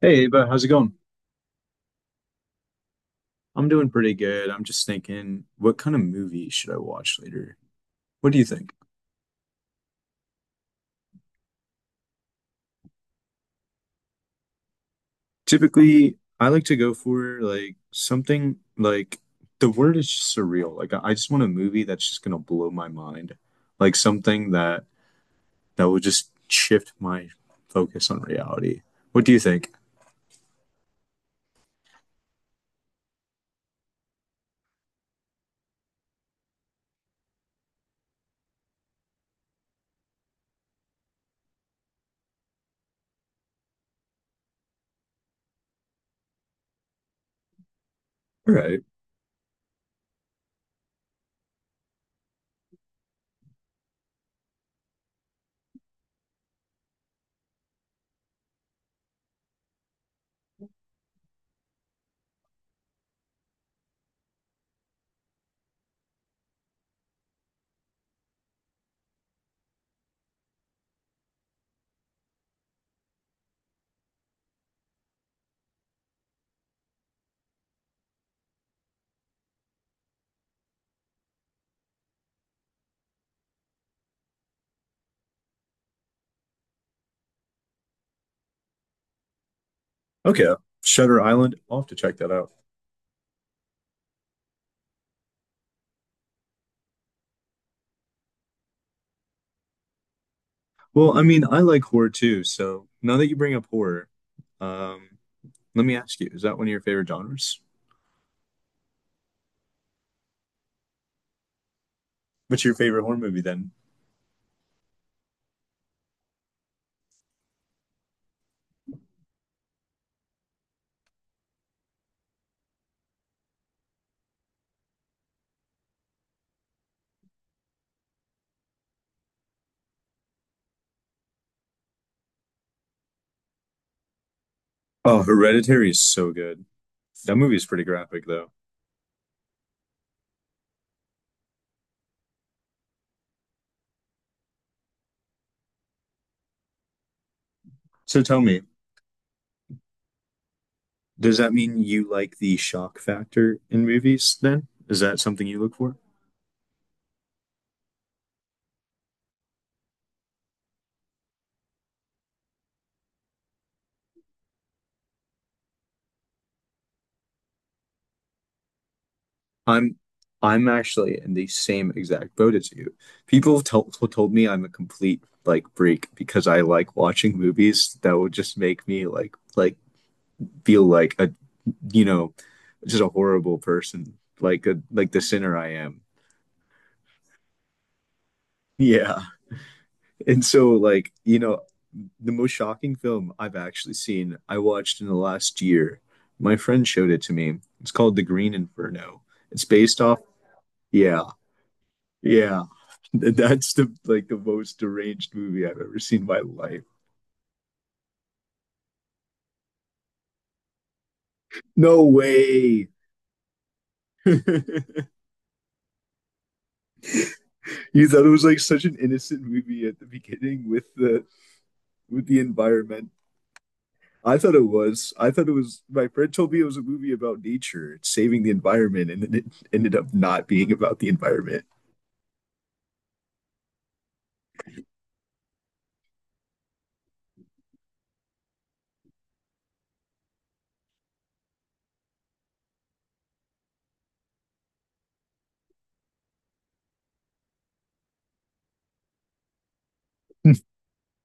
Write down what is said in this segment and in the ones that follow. Hey, Ava, how's it going? I'm doing pretty good. I'm just thinking, what kind of movie should I watch later? What do you think? Typically, I like to go for like something like the word is surreal. Like I just want a movie that's just gonna blow my mind. Like something that will just shift my focus on reality. What do you think? All right. Okay. Shutter Island. I'll have to check that out. Well, I mean, I like horror too, so now that you bring up horror, um, let me ask you, is that one of your favorite genres? What's your favorite horror movie then? Oh, Hereditary is so good. That movie is pretty graphic though. So tell me, does that mean you like the shock factor in movies then? Is that something you look for? I'm I'm actually in the same exact boat as you. People have told me I'm a complete like freak because I like watching movies that will just make me like feel like a, you know, just a horrible person like a like the sinner I am. Yeah. And so, like, you know, the most shocking film I've actually seen, I watched in the last year. My friend showed it to me. It's called The Green Inferno. It's based off, yeah, yeah. That's the like the most deranged movie I've ever seen in my life. No way. You thought it was like such an innocent movie at the beginning with the environment. I thought it was. I thought it was. My friend told me it was a movie about nature, saving the environment, and then it ended up not being about the environment.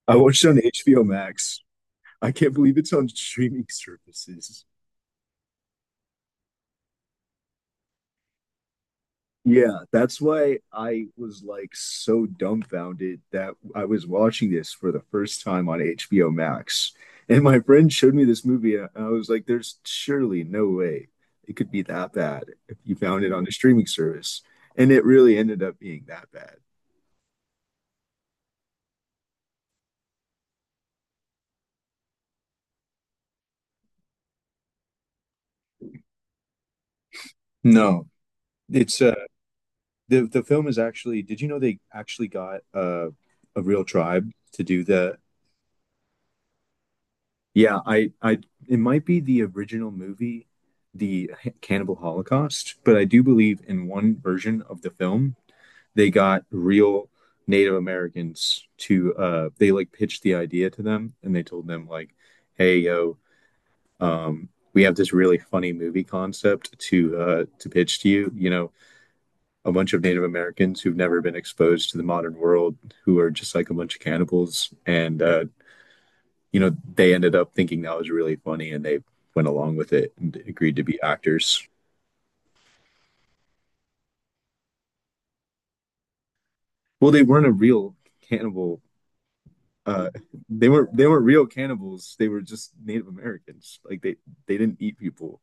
I watched it on HBO Max. I can't believe it's on streaming services. Yeah, that's why I was like so dumbfounded that I was watching this for the first time on HBO Max. And my friend showed me this movie, and I was like, there's surely no way it could be that bad if you found it on a streaming service. And it really ended up being that bad. No, it's the film is actually. Did you know they actually got a real tribe to do the yeah, I it might be the original movie, the Cannibal Holocaust, but I do believe in one version of the film, they got real Native Americans to, they like pitched the idea to them and they told them, like, hey, yo, we have this really funny movie concept to pitch to you. You know, a bunch of Native Americans who've never been exposed to the modern world, who are just like a bunch of cannibals. And, you know, they ended up thinking that was really funny and they went along with it and agreed to be actors. Well, they weren't a real cannibal. Uh, they weren't real cannibals. They were just Native Americans. Like they didn't eat people.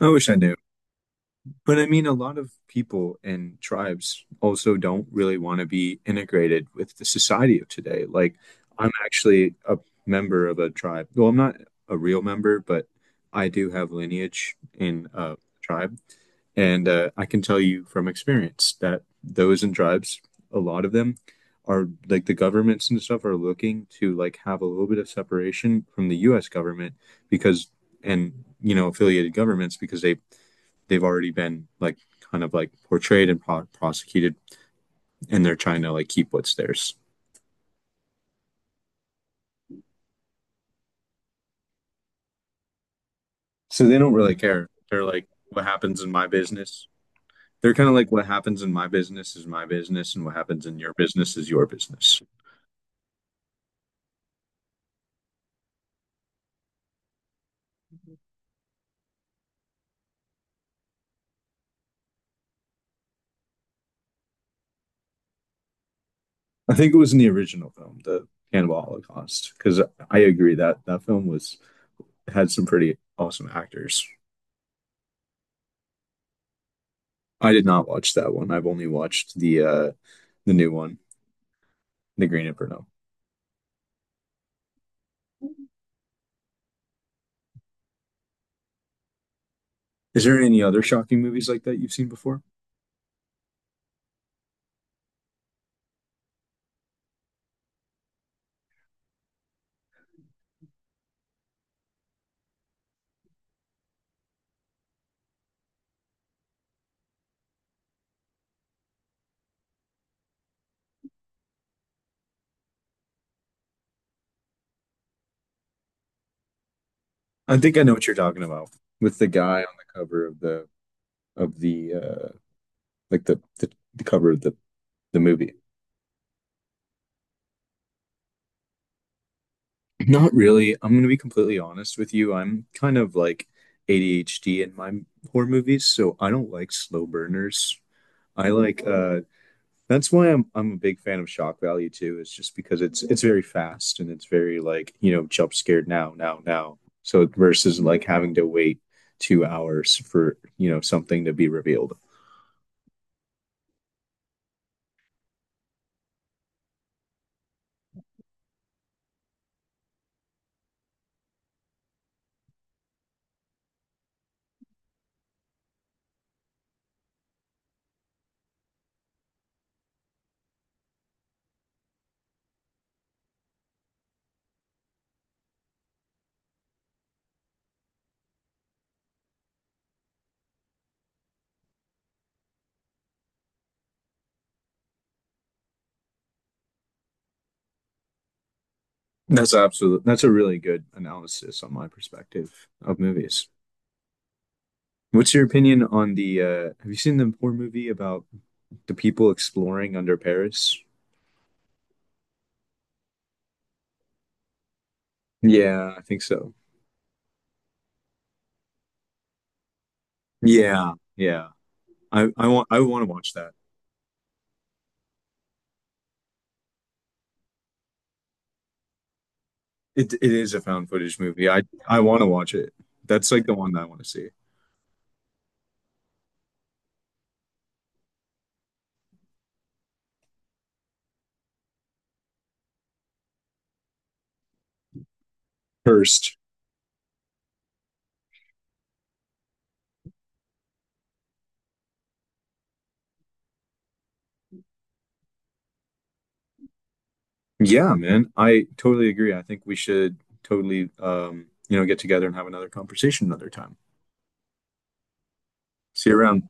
I wish I knew. But I mean, a lot of people and tribes also don't really want to be integrated with the society of today. Like, I'm actually a member of a tribe. Well, I'm not a real member, but I do have lineage in a tribe. And I can tell you from experience that those in tribes, a lot of them are like the governments and stuff are looking to like have a little bit of separation from the US government because and you know affiliated governments because they they've already been like kind of like portrayed and prosecuted and they're trying to like keep what's theirs. So they don't really care. They're like what happens in my business. They're kind of like what happens in my business is my business and what happens in your business is your business. I think it was in the original film, the Cannibal Holocaust, because I agree that that film was had some pretty awesome actors. I did not watch that one. I've only watched the new one, The Green Inferno. Is there any other shocking movies like that you've seen before? I think I know what you're talking about with the guy on the cover of the like the cover of the movie. Not really. I'm gonna be completely honest with you. I'm kind of like ADHD in my horror movies, so I don't like slow burners. I like that's why I'm a big fan of shock value too. It's just because it's very fast and it's very like, you know, jump scared now, now, now. So versus like having to wait 2 hours for, you know, something to be revealed. That's absolute. That's a really good analysis on my perspective of movies. What's your opinion on the? Have you seen the horror movie about the people exploring under Paris? Yeah, I think so. Yeah, yeah. I want to watch that. It is a found footage movie. I want to watch it. That's like the one that I want to see first. Yeah, man. I totally agree. I think we should totally you know get together and have another conversation another time. See you around.